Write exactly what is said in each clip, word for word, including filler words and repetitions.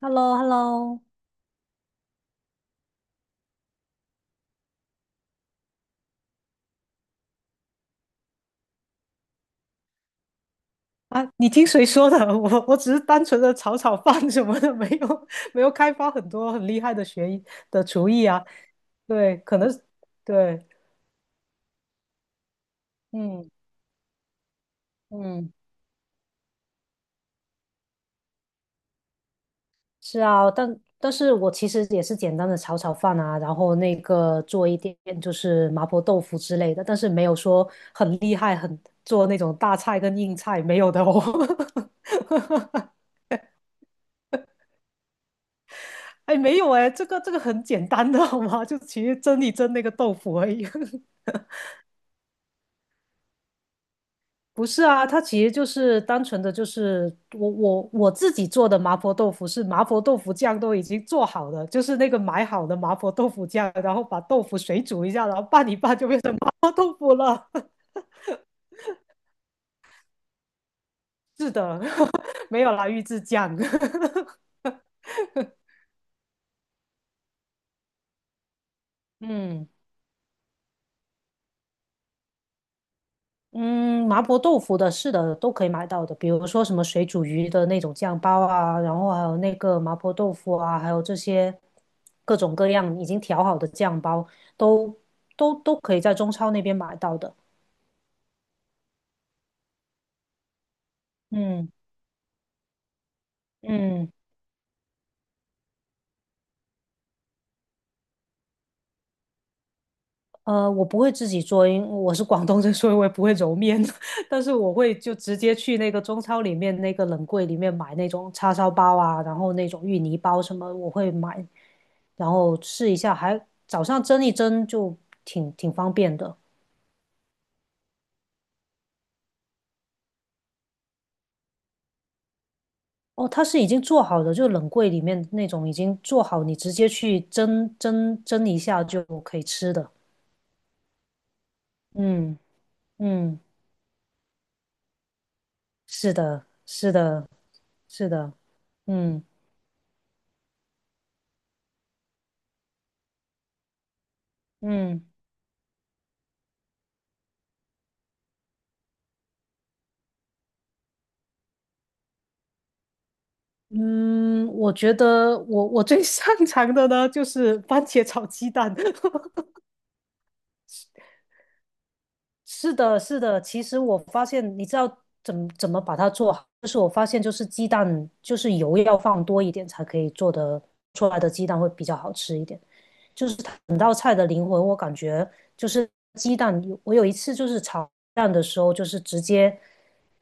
h e l l o h e l l o 啊，你听谁说的？我我只是单纯的炒炒饭什么的，没有没有开发很多很厉害的学艺的厨艺啊。对，可能对，嗯嗯，是啊，但但是我其实也是简单的炒炒饭啊，然后那个做一点就是麻婆豆腐之类的，但是没有说很厉害，很做那种大菜跟硬菜没有的哦。哎，没有哎，这个这个很简单的好吗？就其实蒸一蒸那个豆腐而已。不是啊，它其实就是单纯的，就是我我我自己做的麻婆豆腐是麻婆豆腐酱都已经做好的，就是那个买好的麻婆豆腐酱，然后把豆腐水煮一下，然后拌一拌就变成麻婆豆腐了。是的，没有啦，预制酱。嗯。嗯，麻婆豆腐的，是的，都可以买到的。比如说什么水煮鱼的那种酱包啊，然后还有那个麻婆豆腐啊，还有这些各种各样已经调好的酱包，都都都可以在中超那边买到的。嗯嗯，呃，我不会自己做，因为我是广东人，所以我也不会揉面，但是我会就直接去那个中超里面那个冷柜里面买那种叉烧包啊，然后那种芋泥包什么，我会买。然后试一下，还早上蒸一蒸就挺挺方便的。哦，它是已经做好的，就冷柜里面那种已经做好，你直接去蒸蒸蒸一下就可以吃的。嗯嗯，是的，是的，是的，嗯嗯嗯，我觉得我我最擅长的呢就是番茄炒鸡蛋。是的，是的。其实我发现，你知道怎么怎么把它做好，就是我发现，就是鸡蛋，就是油要放多一点才可以做得出来的鸡蛋会比较好吃一点。就是整道菜的灵魂，我感觉就是鸡蛋。我有一次就是炒蛋的时候，就是直接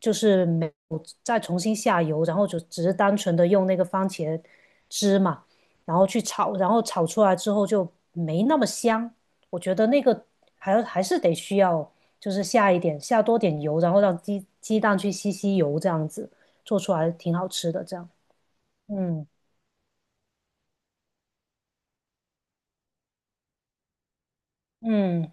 就是没有再重新下油，然后就只是单纯的用那个番茄汁嘛，然后去炒，然后炒出来之后就没那么香。我觉得那个还还是得需要就是下一点下多点油，然后让鸡鸡蛋去吸吸油，这样子做出来挺好吃的。这样，嗯嗯。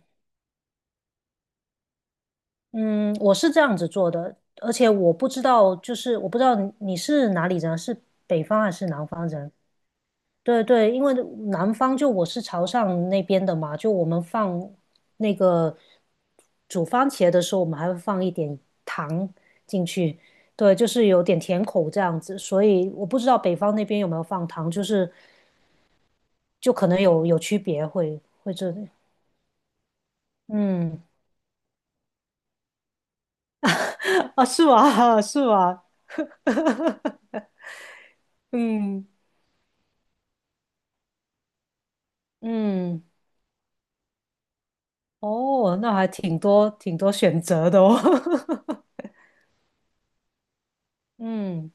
嗯，我是这样子做的，而且我不知道，就是我不知道你你是哪里人，是北方还是南方人？对对，因为南方就我是潮汕那边的嘛，就我们放那个煮番茄的时候，我们还会放一点糖进去，对，就是有点甜口这样子，所以我不知道北方那边有没有放糖，就是就可能有有区别会会这，里。嗯，啊，是吗？是吗？嗯嗯。哦，那还挺多挺多选择的哦。嗯，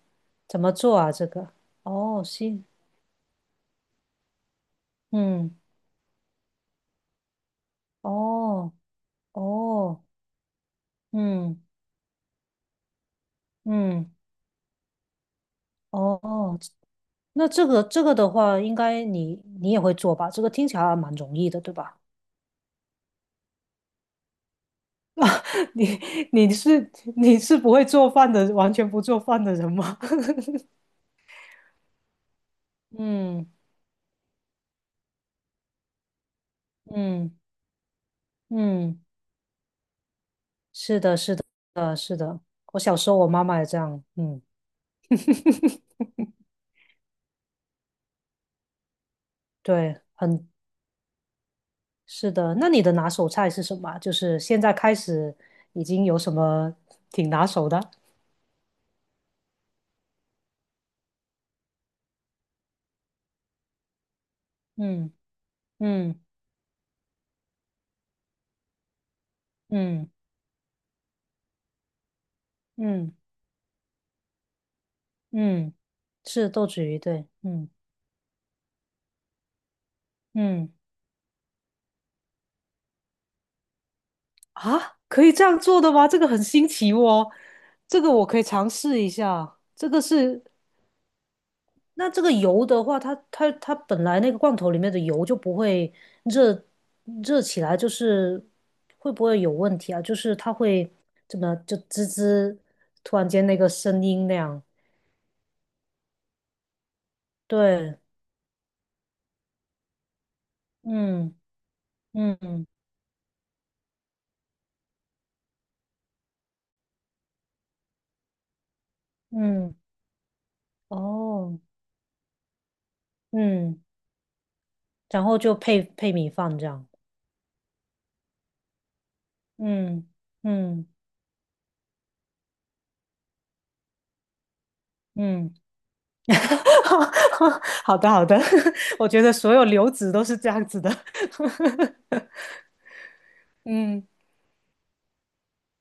怎么做啊？这个？哦，行。嗯，哦，哦，嗯，嗯，哦，那这个这个的话，应该你你也会做吧？这个听起来还蛮容易的，对吧？啊，你你是你是不会做饭的，完全不做饭的人吗？嗯嗯嗯，是的，是的，是的。我小时候我妈妈也这样，嗯，对，很是的，那你的拿手菜是什么啊就是现在开始已经有什么挺拿手的？嗯嗯嗯嗯嗯，是豆豉鱼，对，嗯嗯，啊，可以这样做的吗？这个很新奇哦，这个我可以尝试一下。这个是那这个油的话，它它它本来那个罐头里面的油就不会热热起来，就是会不会有问题啊？就是它会怎么就滋滋，突然间那个声音那样？对，嗯嗯嗯，哦，嗯，然后就配配米饭这样，嗯嗯嗯，好的好的，我觉得所有流子都是这样子的，嗯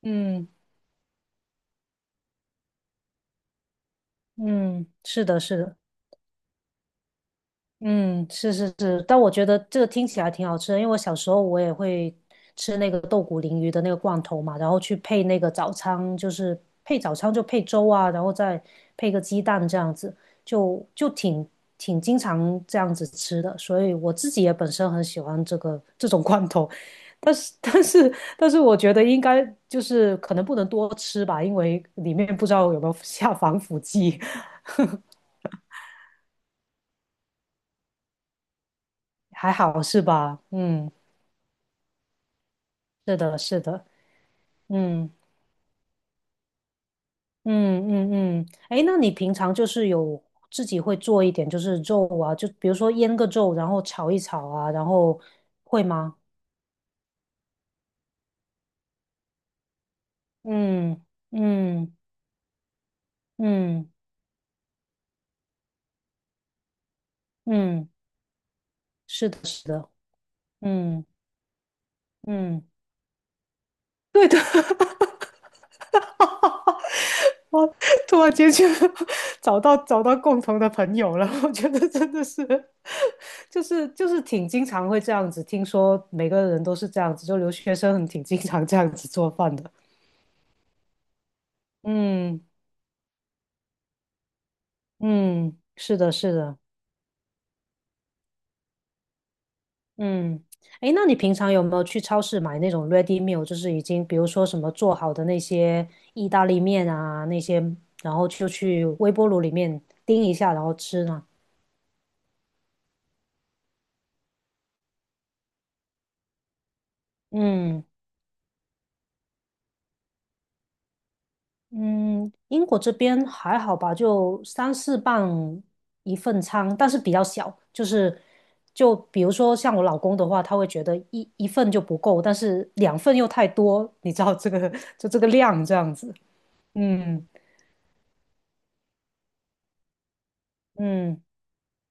嗯嗯，是的是的。嗯，是是是，但我觉得这个听起来挺好吃的，因为我小时候我也会吃那个豆鼓鲮鱼的那个罐头嘛，然后去配那个早餐，就是配早餐就配粥啊，然后再配个鸡蛋这样子，就就挺挺经常这样子吃的，所以我自己也本身很喜欢这个这种罐头，但是但是但是我觉得应该就是可能不能多吃吧，因为里面不知道有没有 下防腐剂，还好是吧？嗯，是的，是的，嗯。嗯嗯嗯，哎，那你平常就是有自己会做一点，就是肉啊，就比如说腌个肉，然后炒一炒啊，然后会吗？嗯嗯嗯嗯，是的，是的，嗯嗯。对的，我突然间就 找到找到共同的朋友了，我觉得真的是，就是就是挺经常会这样子，听说每个人都是这样子，就留学生很挺经常这样子做饭的。嗯嗯，是的，是的，嗯，诶，那你平常有没有去超市买那种 ready meal，就是已经比如说什么做好的那些意大利面啊那些，然后就去微波炉里面叮一下，然后吃呢？嗯嗯，英国这边还好吧，就三四磅一份餐，但是比较小，就是就比如说像我老公的话，他会觉得一一份就不够，但是两份又太多，你知道这个 就这个量这样子。嗯嗯，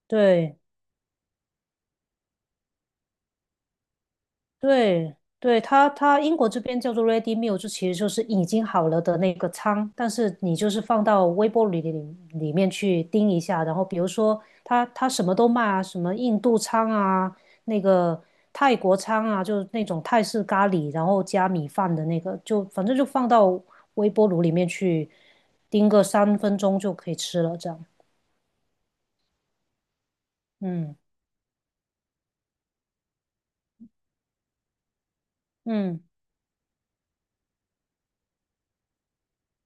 对。对对，它它英国这边叫做 ready meal，就其实就是已经好了的那个汤，但是你就是放到微波炉里里里面去叮一下，然后比如说它它什么都卖啊，什么印度餐啊，那个泰国餐啊，就是那种泰式咖喱，然后加米饭的那个，就反正就放到微波炉里面去叮个三分钟就可以吃了，这样，嗯嗯，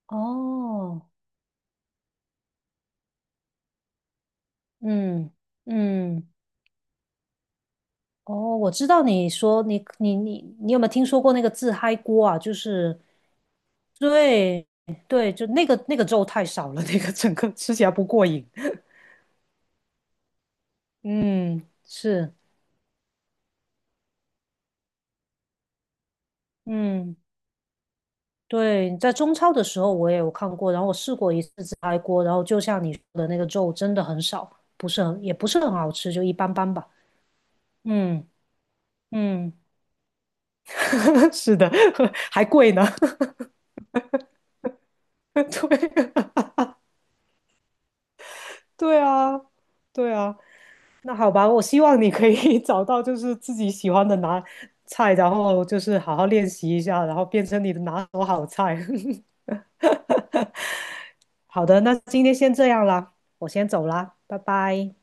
哦，嗯嗯。哦，我知道你说你你你你有没有听说过那个自嗨锅啊？就是对对，就那个那个粥太少了，那个整个吃起来不过瘾。嗯，是，嗯，对，在中超的时候我也有看过，然后我试过一次自嗨锅，然后就像你说的那个肉真的很少，不是很也不是很好吃，就一般般吧。嗯嗯，是的，还贵呢。对 对啊，对啊。那好吧，我希望你可以 找到就是自己喜欢的拿菜，然后就是好好练习一下，然后变成你的拿手好菜。好的，那今天先这样啦，我先走啦，拜拜。